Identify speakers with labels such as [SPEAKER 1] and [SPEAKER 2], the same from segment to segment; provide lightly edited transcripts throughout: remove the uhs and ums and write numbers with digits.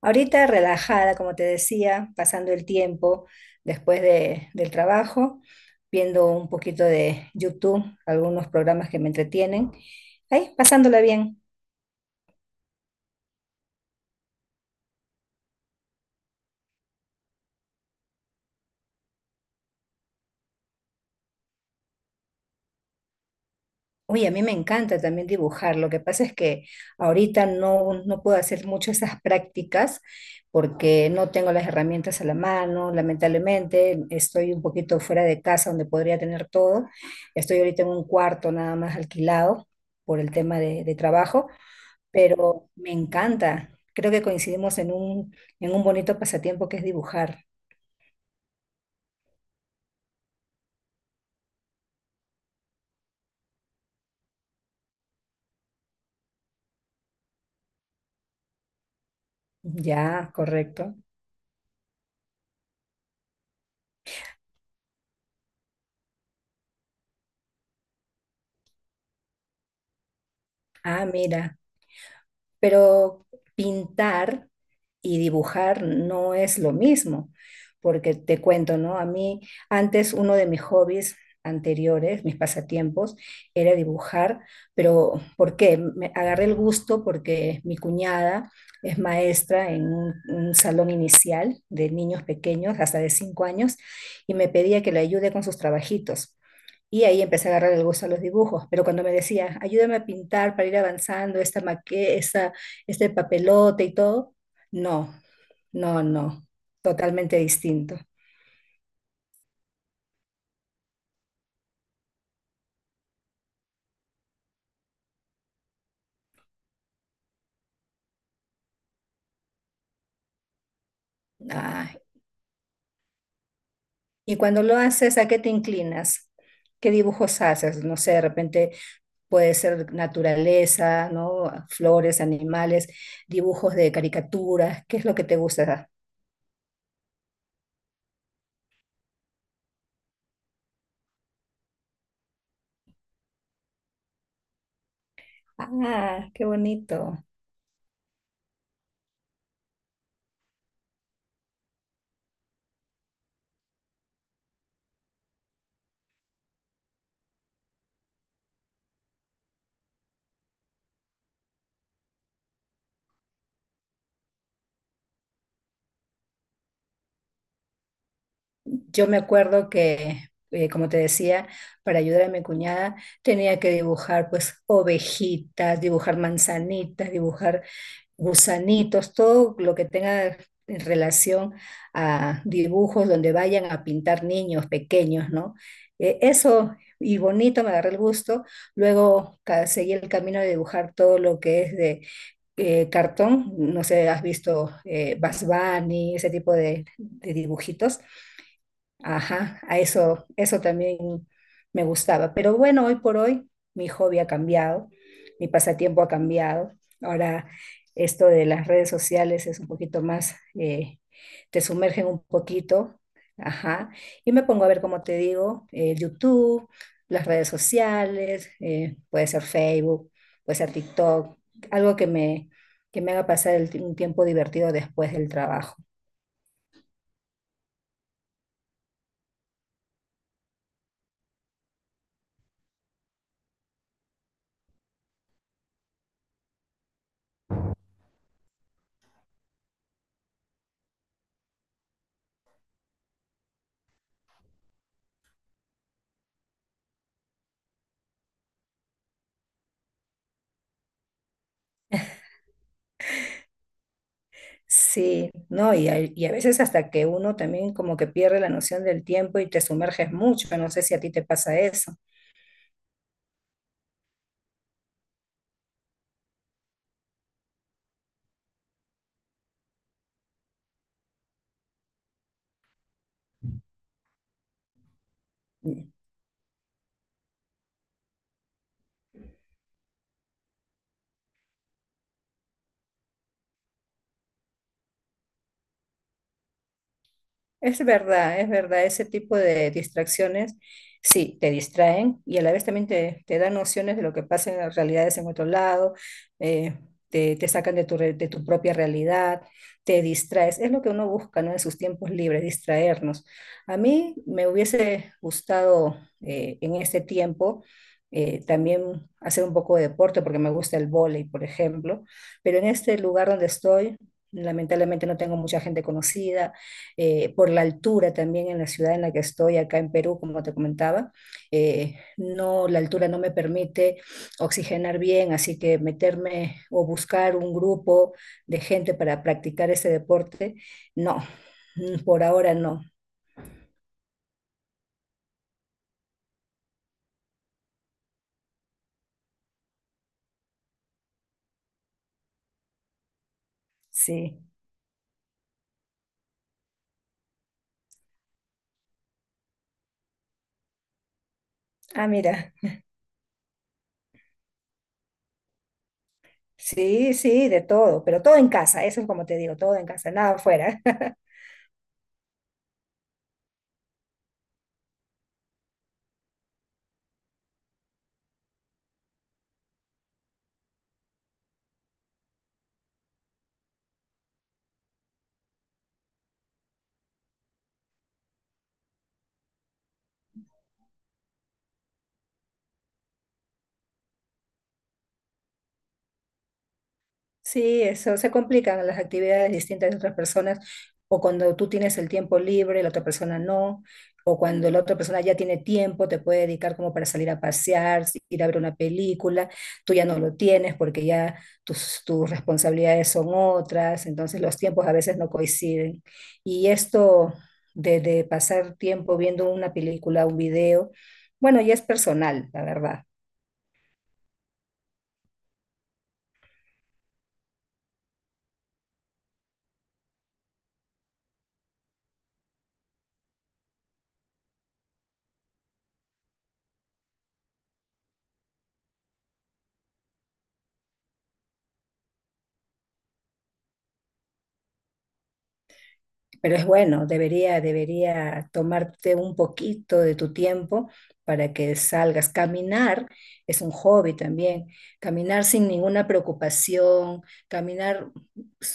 [SPEAKER 1] Ahorita relajada, como te decía, pasando el tiempo del trabajo, viendo un poquito de YouTube, algunos programas que me entretienen, ahí pasándola bien. Uy, a mí me encanta también dibujar, lo que pasa es que ahorita no puedo hacer mucho esas prácticas porque no tengo las herramientas a la mano, lamentablemente estoy un poquito fuera de casa donde podría tener todo. Estoy ahorita en un cuarto nada más alquilado por el tema de trabajo, pero me encanta. Creo que coincidimos en un bonito pasatiempo que es dibujar. Ya, correcto. Ah, mira, pero pintar y dibujar no es lo mismo, porque te cuento, ¿no? A mí antes uno de mis hobbies anteriores, mis pasatiempos, era dibujar, pero ¿por qué? Me agarré el gusto porque mi cuñada es maestra un salón inicial de niños pequeños, hasta de 5 años, y me pedía que le ayude con sus trabajitos. Y ahí empecé a agarrar el gusto a los dibujos, pero cuando me decía, ayúdame a pintar para ir avanzando esta maqueta, esta este papelote y todo, no, no, totalmente distinto. Ah, y cuando lo haces, ¿a qué te inclinas? ¿Qué dibujos haces? No sé, de repente puede ser naturaleza, ¿no? Flores, animales, dibujos de caricaturas, ¿qué es lo que te gusta? Ah, qué bonito. Yo me acuerdo que, como te decía, para ayudar a mi cuñada tenía que dibujar pues ovejitas, dibujar manzanitas, dibujar gusanitos, todo lo que tenga en relación a dibujos donde vayan a pintar niños pequeños, ¿no? Eso y bonito, me agarré el gusto. Luego seguí el camino de dibujar todo lo que es de cartón, no sé, has visto Bugs Bunny, ese tipo de dibujitos. Ajá, a eso, eso también me gustaba. Pero bueno, hoy por hoy mi hobby ha cambiado, mi pasatiempo ha cambiado. Ahora esto de las redes sociales es un poquito más, te sumergen un poquito, ajá. Y me pongo a ver, como te digo, YouTube, las redes sociales, puede ser Facebook, puede ser TikTok, algo que me haga pasar un tiempo divertido después del trabajo. Sí, no, y a veces hasta que uno también como que pierde la noción del tiempo y te sumerges mucho, no sé si a ti te pasa eso. Es verdad, ese tipo de distracciones sí te distraen y a la vez también te dan nociones de lo que pasa en las realidades en otro lado, eh, te sacan de de tu propia realidad, te distraes. Es lo que uno busca, ¿no? En sus tiempos libres, distraernos. A mí me hubiese gustado en este tiempo también hacer un poco de deporte porque me gusta el vóley, por ejemplo, pero en este lugar donde estoy, lamentablemente no tengo mucha gente conocida, por la altura también en la ciudad en la que estoy, acá en Perú, como te comentaba. No, la altura no me permite oxigenar bien, así que meterme o buscar un grupo de gente para practicar ese deporte, no, por ahora no, sí. Ah, mira, sí, sí, de todo, pero todo en casa, eso es como te digo, todo en casa, nada afuera. Sí, eso se complican las actividades distintas de otras personas, o cuando tú tienes el tiempo libre, la otra persona no, o cuando la otra persona ya tiene tiempo, te puede dedicar como para salir a pasear, ir a ver una película, tú ya no lo tienes porque ya tus responsabilidades son otras, entonces los tiempos a veces no coinciden. Y esto de pasar tiempo viendo una película, un video, bueno, ya es personal, la verdad. Pero es bueno, debería tomarte un poquito de tu tiempo para que salgas. Caminar es un hobby también. Caminar sin ninguna preocupación, caminar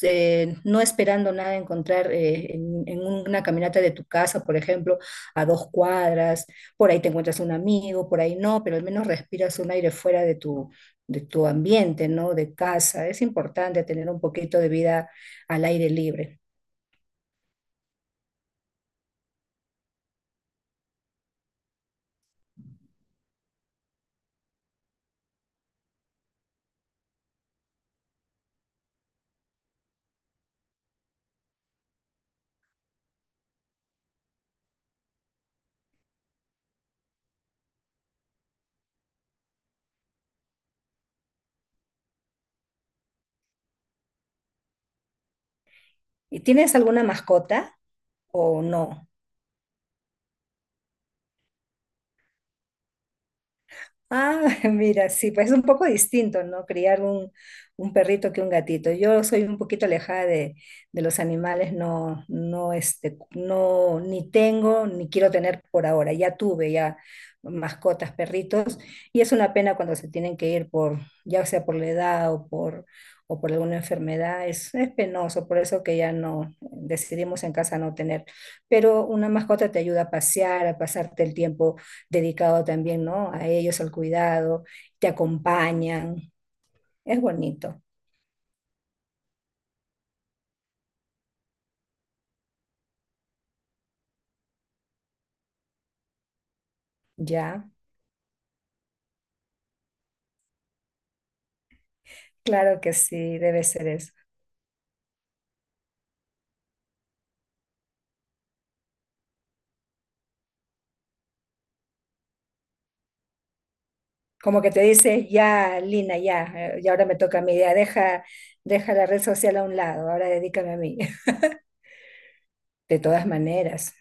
[SPEAKER 1] no esperando nada encontrar en una caminata de tu casa, por ejemplo, a 2 cuadras. Por ahí te encuentras un amigo, por ahí no, pero al menos respiras un aire fuera de de tu ambiente, ¿no? De casa. Es importante tener un poquito de vida al aire libre. ¿Y tienes alguna mascota o no? Ah, mira, sí, pues es un poco distinto, ¿no? Criar un perrito que un gatito. Yo soy un poquito alejada de los animales, no, no, este, no, ni tengo, ni quiero tener por ahora. Ya tuve ya mascotas, perritos, y es una pena cuando se tienen que ir por, ya sea por la edad o por alguna enfermedad, es penoso, por eso que ya no decidimos en casa no tener. Pero una mascota te ayuda a pasear, a pasarte el tiempo dedicado también, ¿no? A ellos, al cuidado, te acompañan, es bonito, ¿ya? Claro que sí, debe ser eso. Como que te dices, ya, Lina, ya, y ahora me toca a mí, ya, deja la red social a un lado, ahora dedícame a mí. De todas maneras,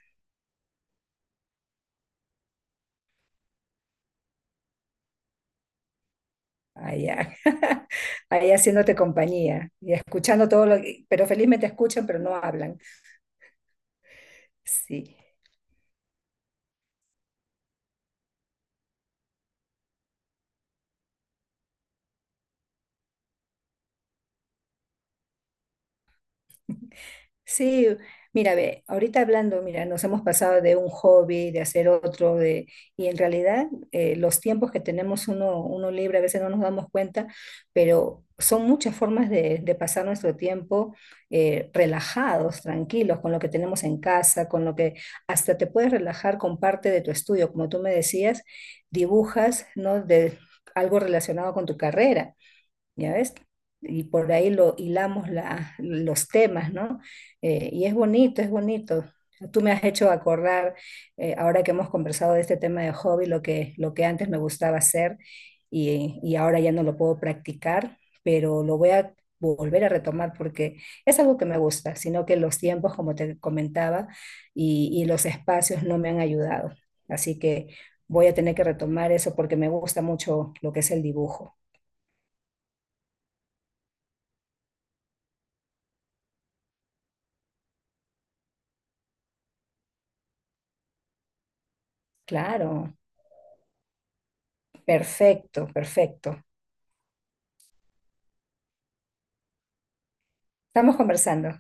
[SPEAKER 1] allá, ahí haciéndote compañía y escuchando todo lo que, pero felizmente escuchan, pero no hablan. Sí. Sí, mira, ve, ahorita hablando, mira, nos hemos pasado de un hobby, de hacer otro, de, y en realidad los tiempos que tenemos uno libre a veces no nos damos cuenta, pero son muchas formas de pasar nuestro tiempo relajados, tranquilos, con lo que tenemos en casa, con lo que hasta te puedes relajar con parte de tu estudio, como tú me decías, dibujas, ¿no? De, algo relacionado con tu carrera. ¿Ya ves? Y por ahí lo hilamos la, los temas, ¿no? Y es bonito, es bonito. Tú me has hecho acordar, ahora que hemos conversado de este tema de hobby, lo que antes me gustaba hacer y ahora ya no lo puedo practicar, pero lo voy a volver a retomar porque es algo que me gusta, sino que los tiempos, como te comentaba, y los espacios no me han ayudado. Así que voy a tener que retomar eso porque me gusta mucho lo que es el dibujo. Claro. Perfecto, perfecto. Estamos conversando.